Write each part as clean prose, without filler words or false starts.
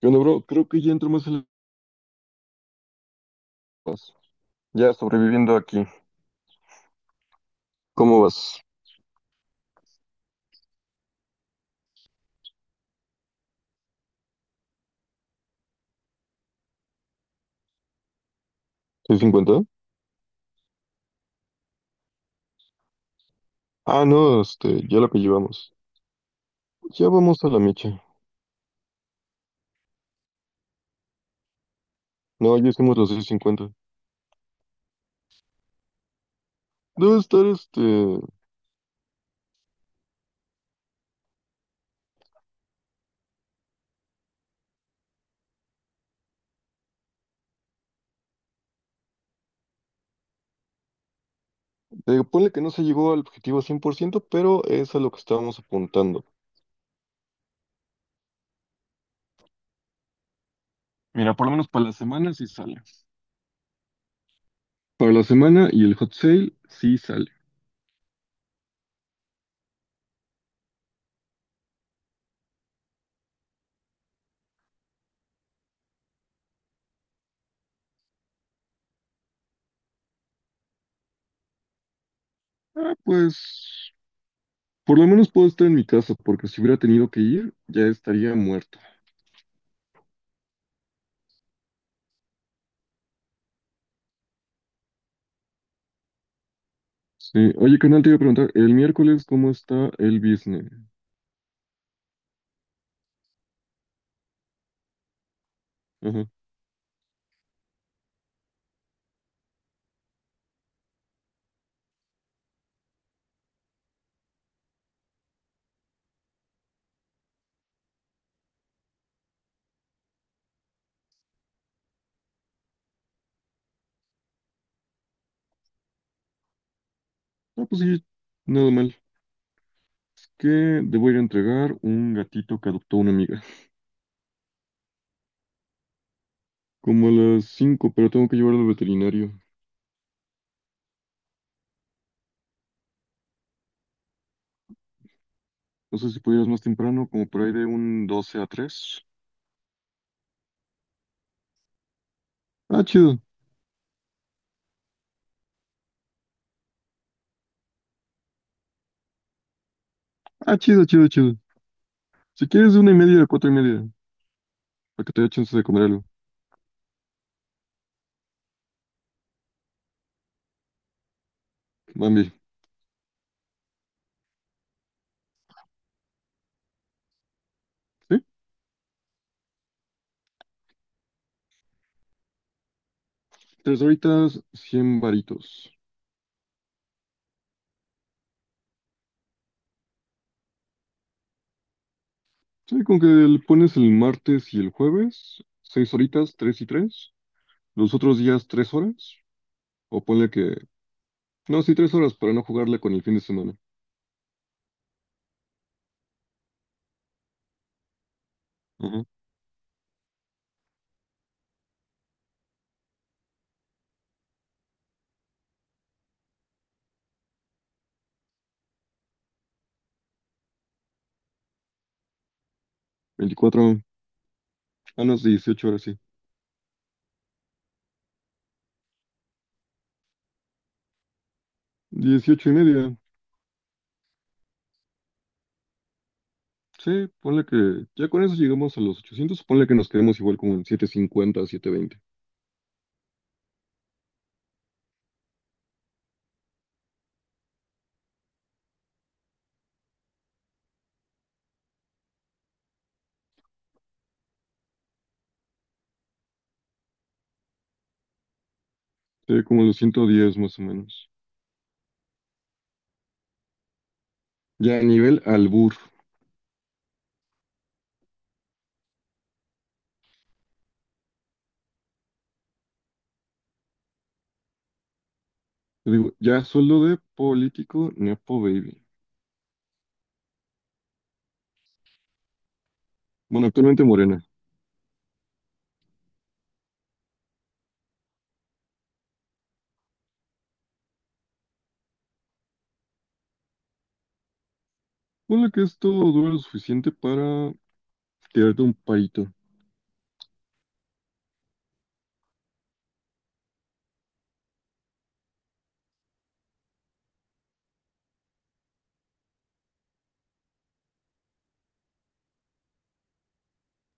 ¿Qué onda, bro? Creo que ya entro más en las... Ya sobreviviendo aquí. ¿Cómo vas? ¿Soy 50? Ah, no, ya lo que llevamos. Ya vamos a la mecha. No, ya hicimos los 650. Debe estar... Ponle que no se llegó al objetivo 100%, pero es a lo que estábamos apuntando. Mira, por lo menos para la semana sí sale. Para la semana y el hot sale sí sale. Ah, pues... Por lo menos puedo estar en mi casa, porque si hubiera tenido que ir, ya estaría muerto. Sí, oye, canal, te iba a preguntar, el miércoles, ¿cómo está el business? Ajá. Ah, pues sí, nada mal. Que debo ir a entregar un gatito que adoptó una amiga. Como a las 5, pero tengo que llevarlo al veterinario. No sé si pudieras más temprano, como por ahí de un 12 a 3. Ah, chido. Ah, chido, chido, chido. Si quieres de 1:30 a 4:30, para que te dé chance de comer algo. Bambi, ¿sí? Tres horitas, 100 varitos. Sí, con que le pones el martes y el jueves, 6 horitas, tres y tres. Los otros días, 3 horas. O ponle que... No, sí, 3 horas para no jugarle con el fin de semana. Ajá, 24, ah, no, 18 horas, sí. 18 y media, sí, ponle que, ya con eso llegamos a los 800, ponle que nos quedemos igual como en 750, 720, sí, como los 110 más o menos. Ya a nivel albur... Yo digo, ya sueldo de político, nepo baby. Bueno, actualmente Morena. Ponle que esto dura lo suficiente para tirarte un parito.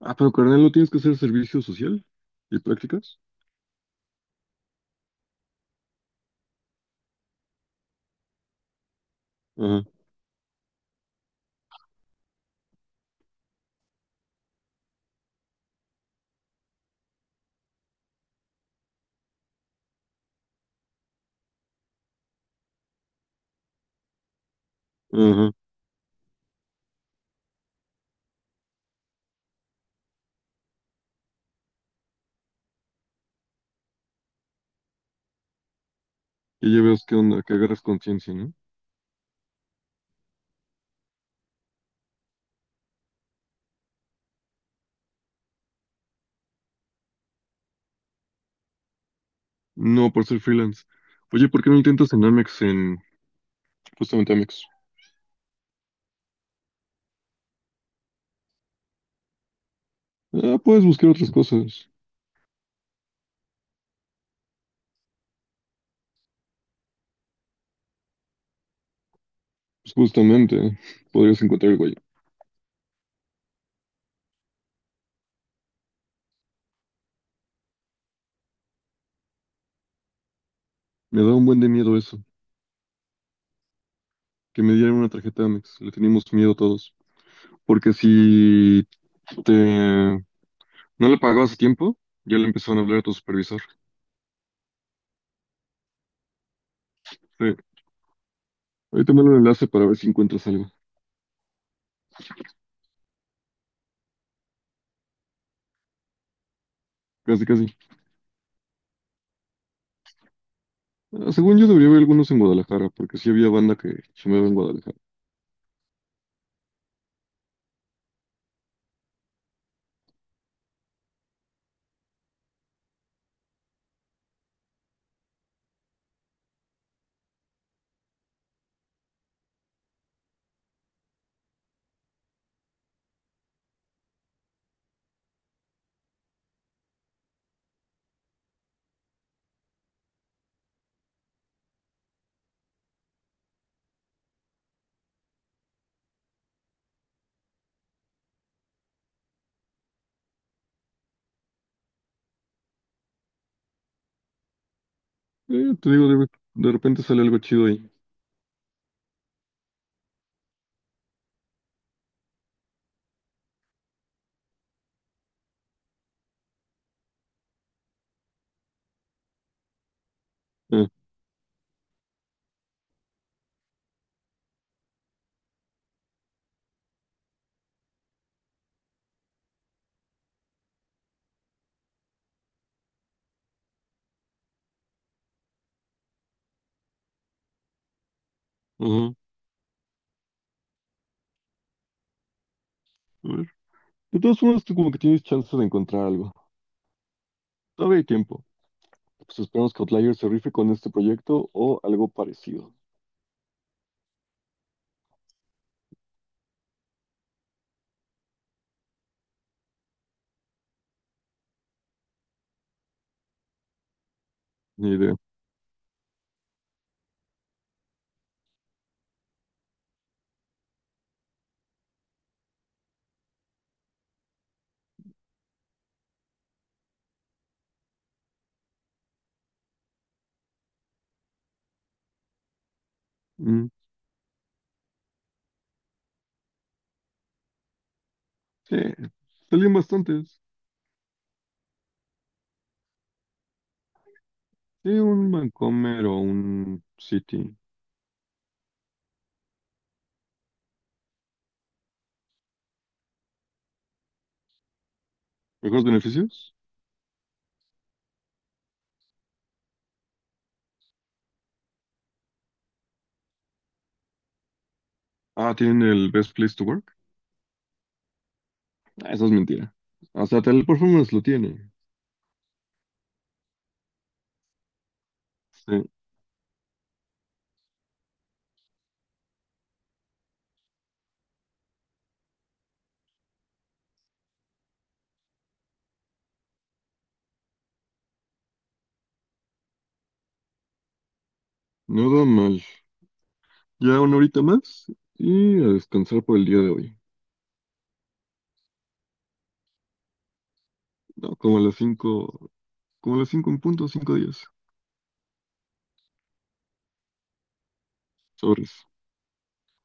Ah, pero carnal, ¿no tienes que hacer servicio social y prácticas? Ajá, ajá, y ya ves qué onda, que agarras conciencia, no. No, por ser freelance. Oye, ¿por qué no intentas en Amex, en justamente Amex? Ah, puedes buscar otras cosas. Pues justamente, podrías encontrar algo ahí. Me da un buen de miedo eso, que me dieran una tarjeta Amex. Le teníamos miedo todos. Porque si te no le pagabas a tiempo, ya le empezaron a hablar a tu supervisor. Sí. Ahí te mando el enlace para ver si encuentras algo. Casi, casi. Ah, según yo debería haber algunos en Guadalajara, porque sí había banda que chambeaba en Guadalajara. Te digo, de repente sale algo chido ahí. Ah, ajá. De todas formas, tú como que tienes chance de encontrar algo. Todavía hay tiempo. Pues esperamos que Outlier se rife con este proyecto o algo parecido. Ni idea. Mm, sí, salían bastantes. Sí, un Vancomer o un City. ¿Mejores beneficios? Ah, tienen el Best Place to Work. Ah, eso es mentira. O sea, Teleperformance lo tiene. Sí, nada mal. Ya una horita más y a descansar por el día de hoy. No, como a las cinco, como a las 5 en punto, 5 días. Sobres.